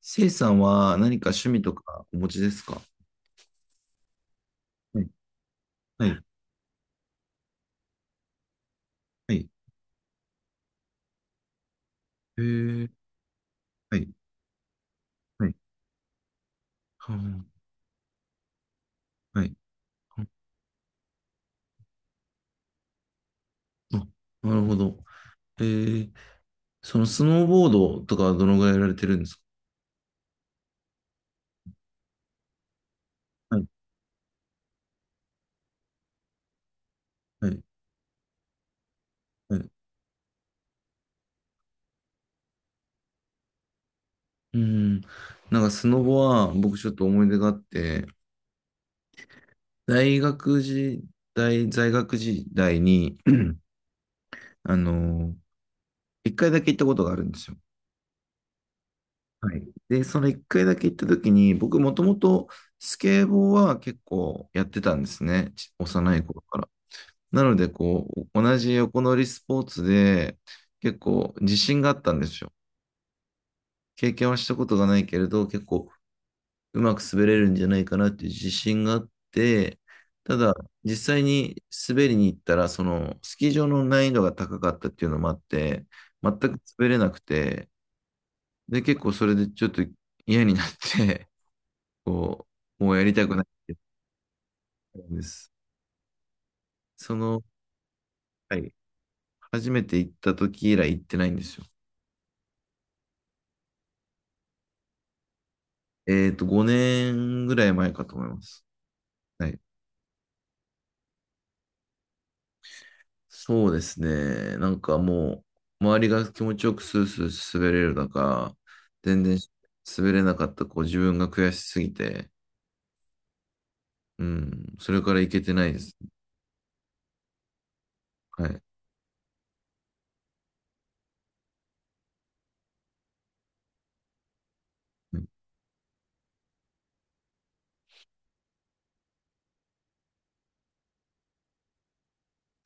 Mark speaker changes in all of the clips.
Speaker 1: せいさんは何か趣味とかお持ちですか？はい。はい。はい。えー、はい。はい。はあ。はい。ああ、なるほど。えー、そのスノーボードとかはどのぐらいやられてるんですか？はい。はい。はい。うん。なんかスノボは僕ちょっと思い出があって、大学時代、在学時代に、あの、一回だけ行ったことがあるんですよ。はい。で、その一回だけ行った時に、僕もともとスケボーは結構やってたんですね。幼い頃から。なので、同じ横乗りスポーツで結構自信があったんですよ。経験はしたことがないけれど、結構うまく滑れるんじゃないかなっていう自信があって、ただ、実際に滑りに行ったら、そのスキー場の難易度が高かったっていうのもあって、全く滑れなくて、で、結構それでちょっと嫌になってこもうやりたくないって言ったんです。その、はい、初めて行った時以来行ってないんですよ。5年ぐらい前かと思います。はい。そうですね。なんかもう、周りが気持ちよくスースー滑れる中、全然滑れなかった自分が悔しすぎて、うん、それから行けてないです。はい。はい。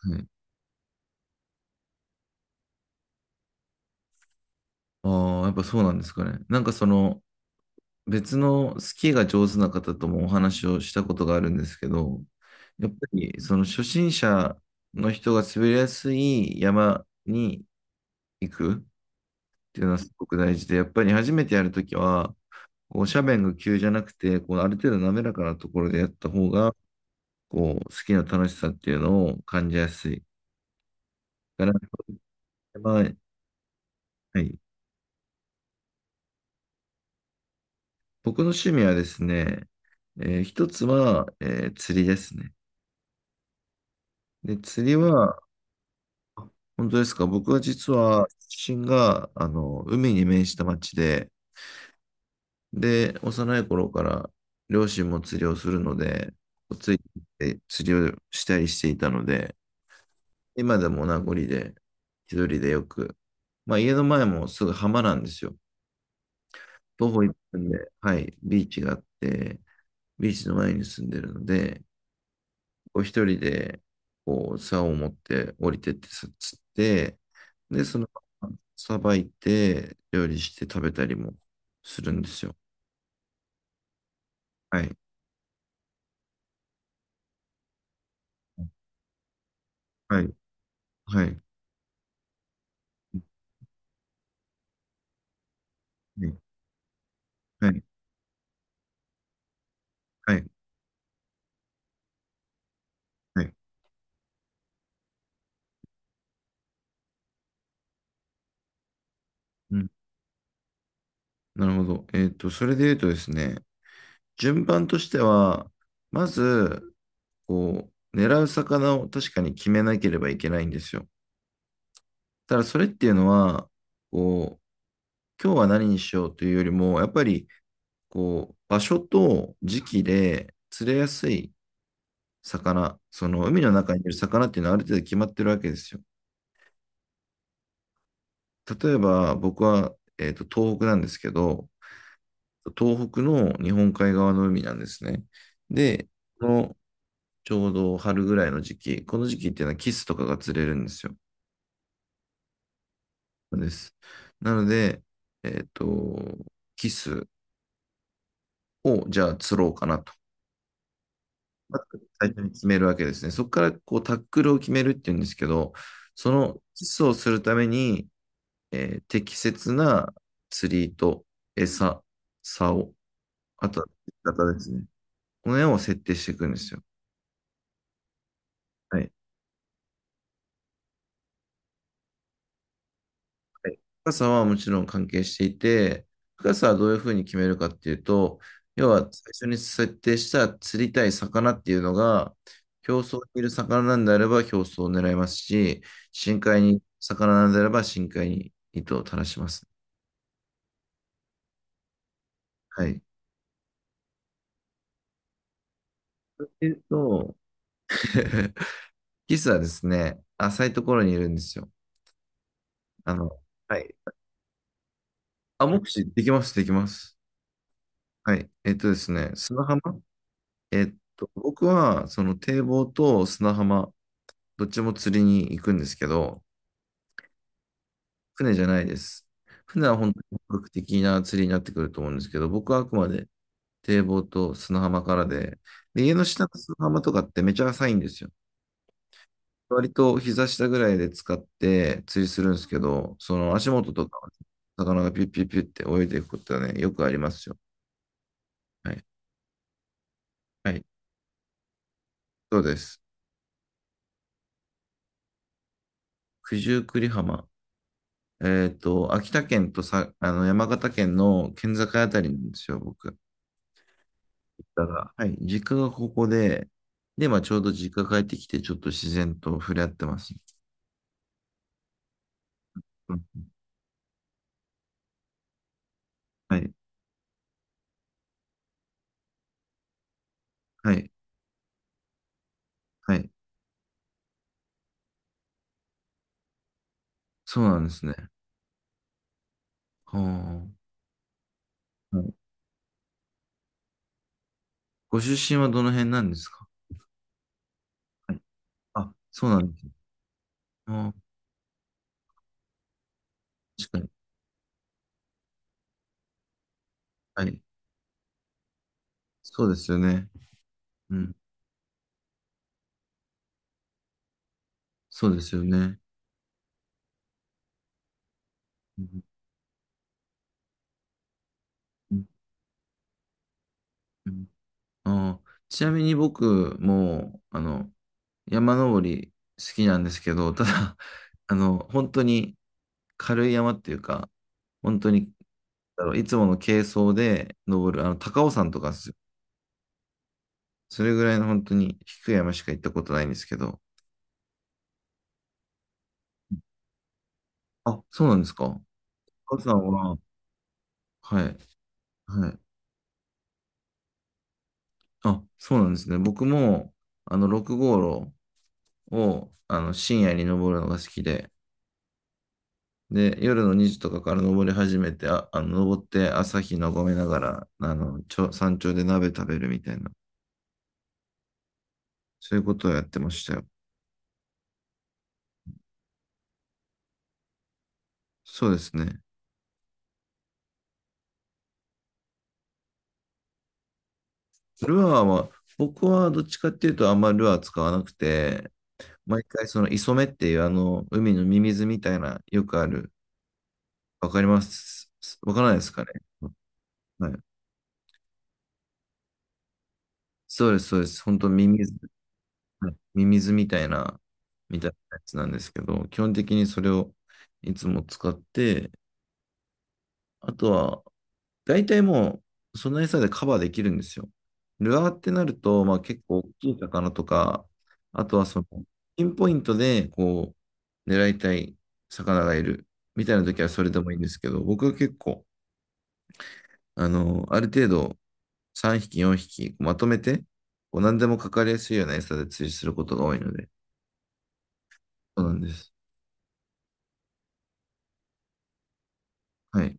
Speaker 1: はい。ああ、やっぱそうなんですかね。なんかその、別のスキーが上手な方ともお話をしたことがあるんですけど、やっぱりその初心者の人が滑りやすい山に行くっていうのはすごく大事で、やっぱり初めてやるときは、斜面が急じゃなくて、ある程度滑らかなところでやった方が、スキーの楽しさっていうのを感じやすい。から、はい。僕の趣味はですね、一つは、釣りですね。で、釣りは、本当ですか。僕は実は、出身が、海に面した町で、で、幼い頃から両親も釣りをするので、ついて行って釣りをしたりしていたので、今でも名残で、一人でよく、家の前もすぐ浜なんですよ。徒歩1分で、はい、ビーチがあって、ビーチの前に住んでるので、一人で、竿を持って降りてって釣って、で、さばいて、料理して食べたりもするんですよ。はい。はい。はい。はい。はい。はい。うん。なるほど。それで言うとですね、順番としては、まず、狙う魚を確かに決めなければいけないんですよ。ただ、それっていうのは、こう、今日は何にしようというよりも、やっぱり、場所と時期で釣れやすい魚、その海の中にいる魚っていうのはある程度決まってるわけですよ。例えば僕は、東北なんですけど、東北の日本海側の海なんですね。で、このちょうど春ぐらいの時期、この時期っていうのはキスとかが釣れるんですよ。です。なので、えっと、キスをじゃあ釣ろうかなと。最初に決めるわけですね。そこからタックルを決めるっていうんですけど、そのキスをするために、適切な釣りと餌、竿、あとは釣り方ですね。この辺を設定していくんですよ。はい。はい、深さはもちろん関係していて、深さはどういうふうに決めるかっていうと、要は最初に設定した釣りたい魚っていうのが、表層にいる魚なんであれば表層を狙いますし、深海に魚なんであれば深海に糸を垂らします。はい。えっと、キスはですね、浅いところにいるんですよ。あの、はい。あ、目視できます、できます。はい。えっとですね、砂浜僕は、その堤防と砂浜どっちも釣りに行くんですけど、船じゃないです。船は本当に本格的な釣りになってくると思うんですけど、僕はあくまで堤防と砂浜からで、で、家の下の砂浜とかってめちゃ浅いんですよ。割と膝下ぐらいで使って釣りするんですけど、その足元とか、魚がピュッピュッピュッって泳いでいくことはね、よくありますよ。はい。はい。そうです。九十九里浜。秋田県とさ、山形県の県境あたりなんですよ、僕。だが、はい、実家がここで、で、ちょうど実家帰ってきて、ちょっと自然と触れ合ってます。うん、はい、はい、はい。そうなんですね。はあ、はい。ご出身はどの辺なんですか？はい。あ、そうなんですね。あー、確かに。はい。そうですよね。うん。そうですよね。うん。うんうん。ちなみに僕も、山登り好きなんですけど、ただ、本当に軽い山っていうか、本当にだろう、いつもの軽装で登る、高尾山とかですよ。それぐらいの本当に低い山しか行ったことないんですけど。あ、そうなんですか。高尾山は、はい、はい。あ、そうなんですね。僕も、6号路を、深夜に登るのが好きで、で、夜の2時とかから登り始めて、登って朝日眺めながら、山頂で鍋食べるみたいな、そういうことをやってましたよ。そうですね。ルアーは、僕はどっちかっていうとあんまりルアー使わなくて、毎回その磯目っていうあの海のミミズみたいなよくある。わかります。わからないですかね。はい。そうです、そうです。本当ミミズ、はい、ミミズみたいな、やつなんですけど、基本的にそれをいつも使って、あとは、大体もう、その餌でカバーできるんですよ。ルアーってなると、結構大きい魚とか、あとはピンポイントで、狙いたい魚がいるみたいな時はそれでもいいんですけど、僕は結構、ある程度3匹、4匹まとめて、何でもかかりやすいような餌で釣りすることが多いので、そうなんです。はい。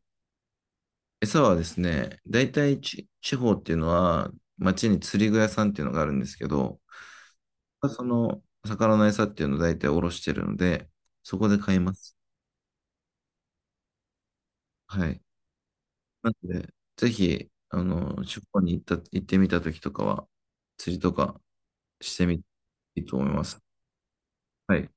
Speaker 1: 餌はですね、大体地方っていうのは、町に釣り具屋さんっていうのがあるんですけど、がその魚の餌っていうのを大体おろしてるので、そこで買います。はい。なので、ぜひ、地方に行った、行ってみた時とかは、釣りとかしてみていいと思います。はい。